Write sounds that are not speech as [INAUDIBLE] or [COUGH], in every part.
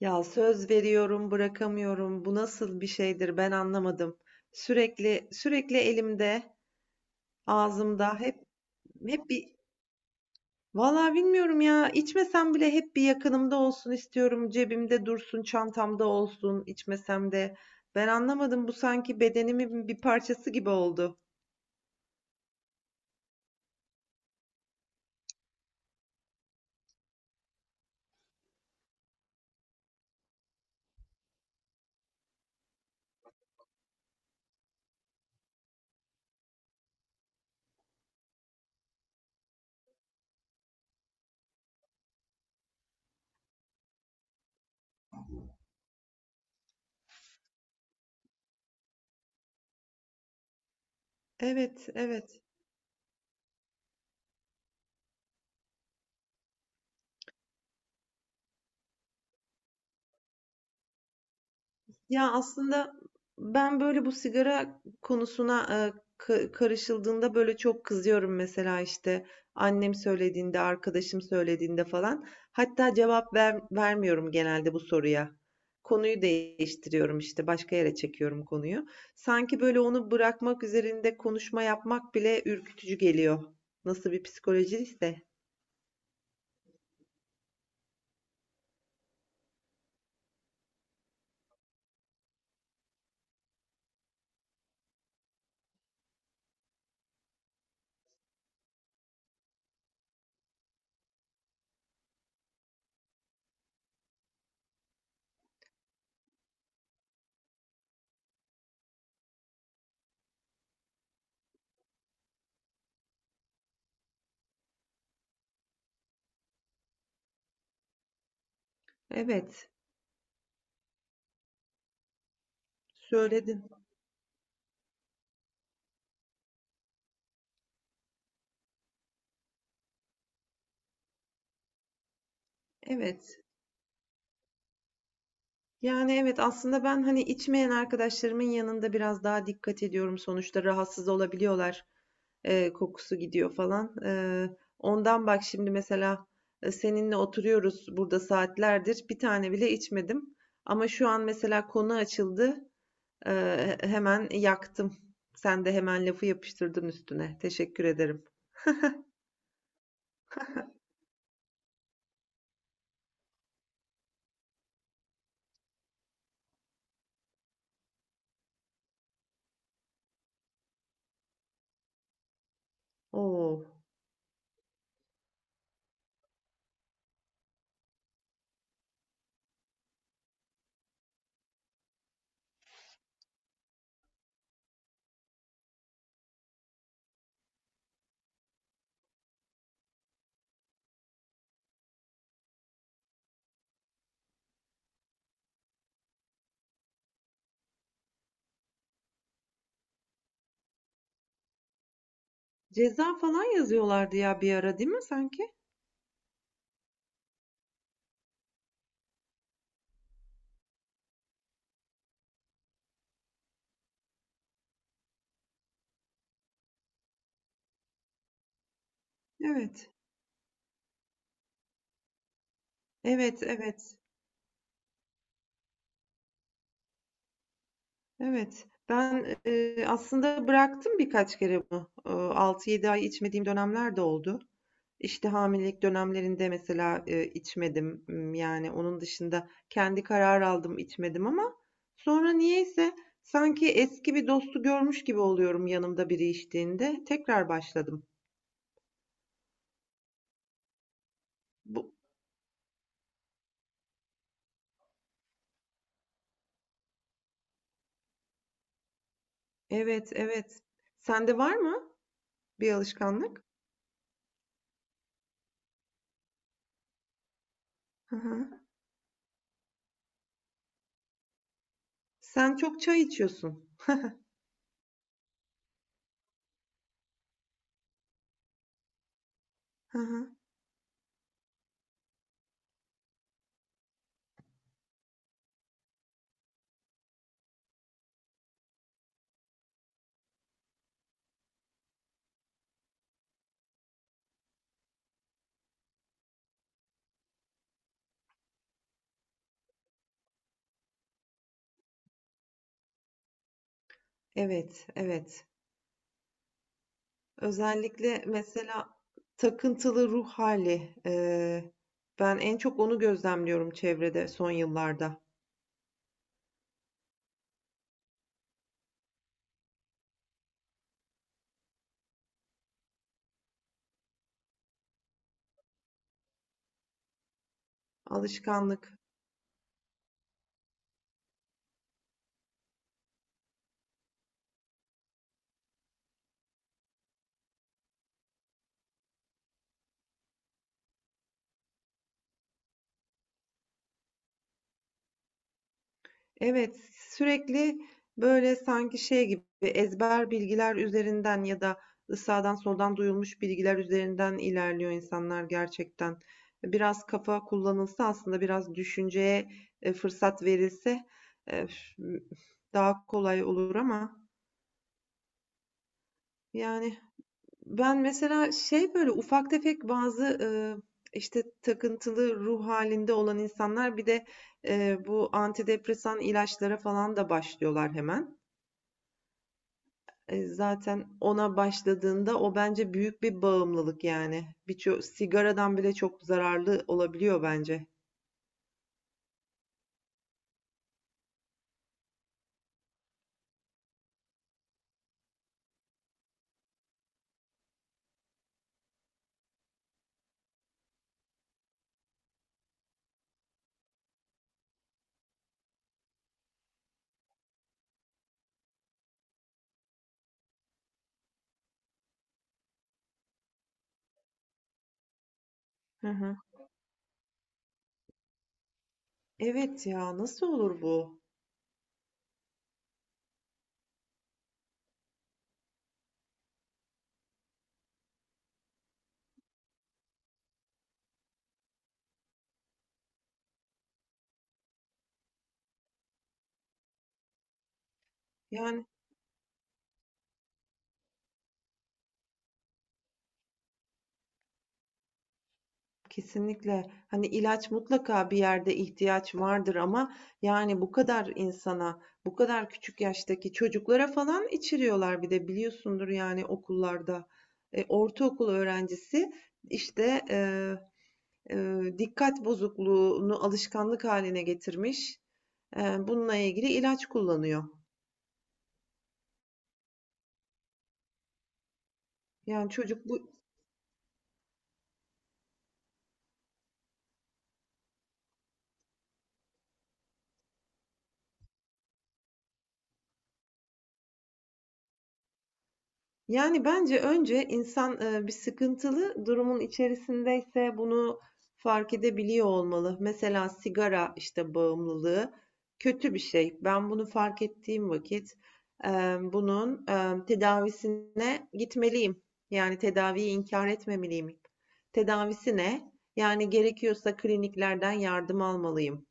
Ya söz veriyorum, bırakamıyorum. Bu nasıl bir şeydir ben anlamadım. Sürekli elimde, ağzımda hep bir Vallahi bilmiyorum ya. İçmesem bile hep bir yakınımda olsun istiyorum. Cebimde dursun, çantamda olsun, içmesem de. Ben anlamadım. Bu sanki bedenimin bir parçası gibi oldu. Evet, evet. Ya aslında ben böyle bu sigara konusuna karışıldığında böyle çok kızıyorum mesela işte annem söylediğinde, arkadaşım söylediğinde falan. Hatta vermiyorum genelde bu soruya. Konuyu değiştiriyorum işte başka yere çekiyorum konuyu. Sanki böyle onu bırakmak üzerinde konuşma yapmak bile ürkütücü geliyor. Nasıl bir psikolojiyse. Evet, söyledin. Evet. Yani evet aslında ben hani içmeyen arkadaşlarımın yanında biraz daha dikkat ediyorum. Sonuçta rahatsız olabiliyorlar. Kokusu gidiyor falan. Ondan bak şimdi mesela seninle oturuyoruz burada saatlerdir. Bir tane bile içmedim. Ama şu an mesela konu açıldı. Hemen yaktım. Sen de hemen lafı yapıştırdın üstüne. Teşekkür ederim. Oo, ceza falan yazıyorlardı ya bir ara değil mi sanki? Evet, evet, evet, evet. Ben aslında bıraktım birkaç kere bunu. 6-7 ay içmediğim dönemler de oldu. İşte, hamilelik dönemlerinde mesela, içmedim. Yani, onun dışında kendi karar aldım, içmedim ama sonra niyeyse sanki eski bir dostu görmüş gibi oluyorum yanımda biri içtiğinde. Tekrar başladım. Bu Evet, evet. Sende var mı bir alışkanlık? Hı hı. Sen çok çay içiyorsun. Hı hı. Evet, evet. Özellikle mesela takıntılı ruh hali ben en çok onu gözlemliyorum çevrede son yıllarda. Alışkanlık. Evet, sürekli böyle sanki şey gibi ezber bilgiler üzerinden ya da sağdan soldan duyulmuş bilgiler üzerinden ilerliyor insanlar gerçekten. Biraz kafa kullanılsa aslında biraz düşünceye fırsat verilse e, daha kolay olur ama yani. Ben mesela şey böyle ufak tefek bazı işte takıntılı ruh halinde olan insanlar bir de bu antidepresan ilaçlara falan da başlıyorlar hemen. E, zaten ona başladığında o bence büyük bir bağımlılık yani. Birçok sigaradan bile çok zararlı olabiliyor bence. Hı hı. Evet ya nasıl olur bu? Yani kesinlikle. Hani, ilaç mutlaka bir yerde ihtiyaç vardır ama, yani, bu kadar insana, bu kadar küçük yaştaki çocuklara falan içiriyorlar bir de biliyorsundur, yani, okullarda. E, ortaokul öğrencisi, işte, dikkat bozukluğunu alışkanlık haline getirmiş, bununla ilgili ilaç kullanıyor. Yani, çocuk bu Yani, bence önce insan, bir sıkıntılı durumun içerisindeyse bunu fark edebiliyor olmalı. Mesela sigara, işte, bağımlılığı kötü bir şey. Ben bunu fark ettiğim vakit, bunun, tedavisine gitmeliyim. Yani, tedaviyi inkar etmemeliyim. Tedavisi ne? Yani, gerekiyorsa kliniklerden yardım almalıyım.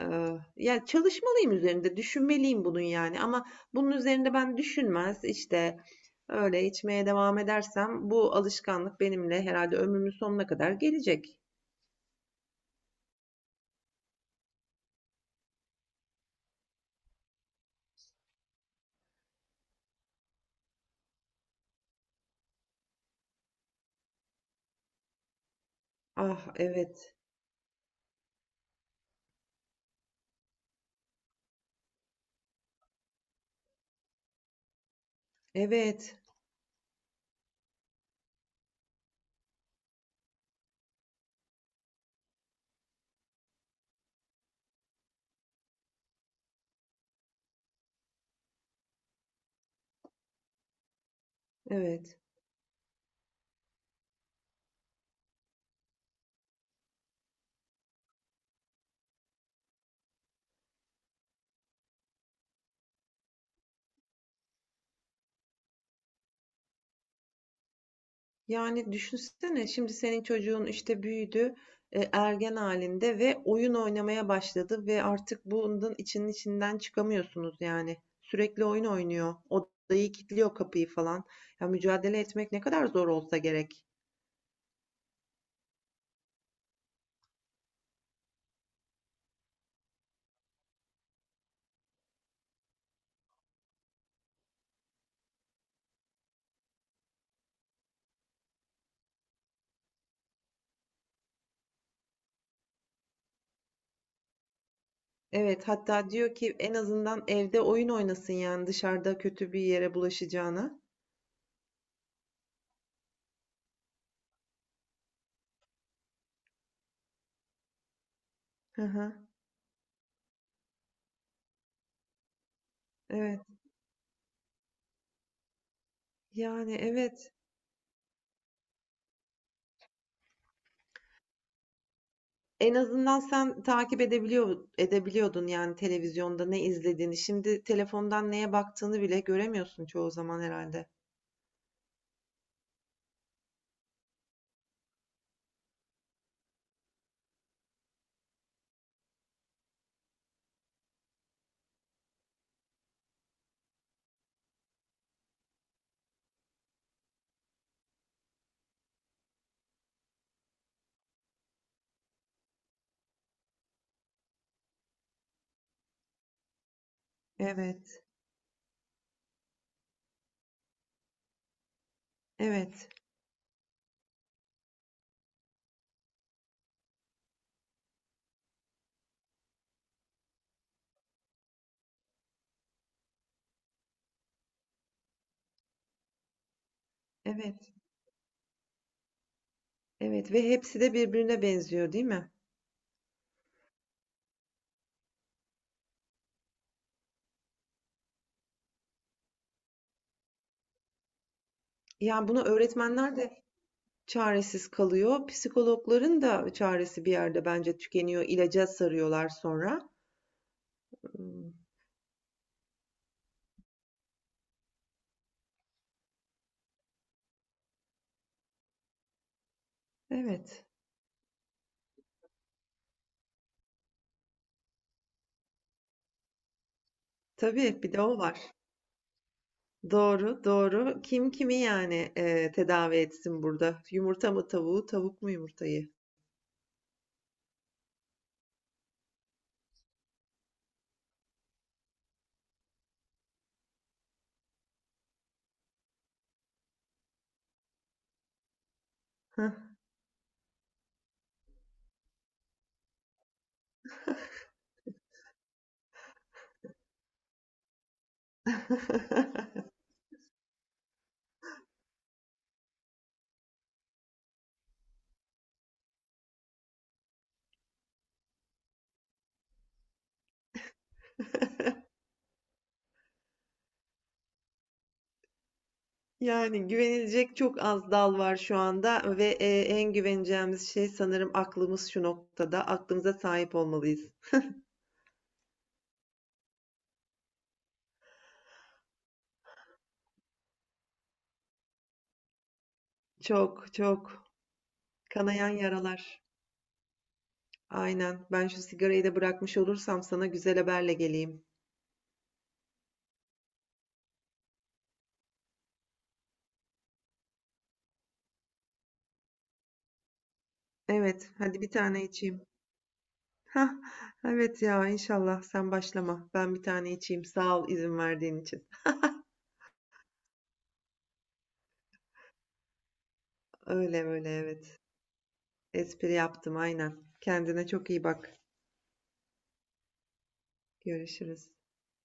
Ya, çalışmalıyım üzerinde, düşünmeliyim bunun yani ama bunun üzerinde ben düşünmez, işte, öyle içmeye devam edersem bu alışkanlık benimle herhalde ömrümün sonuna kadar gelecek. Ah, evet, evet, evet. Yani düşünsene şimdi senin çocuğun, işte, büyüdü, ergen halinde ve oyun oynamaya başladı ve artık bunun içinin içinden çıkamıyorsunuz yani. Sürekli oyun oynuyor, odayı kilitliyor, kapıyı falan. Ya, mücadele etmek ne kadar zor olsa gerek. Evet, hatta diyor ki en azından evde oyun oynasın yani dışarıda kötü bir yere bulaşacağına. Hı hı. Evet. Yani evet. En azından sen takip edebiliyor edebiliyordun yani televizyonda ne izlediğini. Şimdi telefondan neye baktığını bile göremiyorsun çoğu zaman herhalde. Evet. Evet. Evet. Evet ve hepsi de birbirine benziyor, değil mi? Yani bunu öğretmenler de çaresiz kalıyor. Psikologların da çaresi bir yerde bence tükeniyor. İlaca sarıyorlar sonra. Hmm. Evet. Tabii, bir de o var. Doğru, doğru. Kim kimi yani, tedavi etsin burada? Yumurta mı tavuğu, tavuk mu yumurtayı? Hah. [LAUGHS] Yani güvenilecek çok az dal var şu anda ve, en güveneceğimiz şey sanırım aklımız şu noktada. Aklımıza sahip olmalıyız. Çok, çok. Kanayan yaralar. Aynen. Ben şu sigarayı da bırakmış olursam sana güzel haberle geleyim. Evet, hadi bir tane içeyim. Hah, evet ya inşallah sen başlama. Ben bir tane içeyim. Sağ ol izin verdiğin için. Öyle öyle evet. Espri yaptım aynen. Kendine çok iyi bak. Görüşürüz.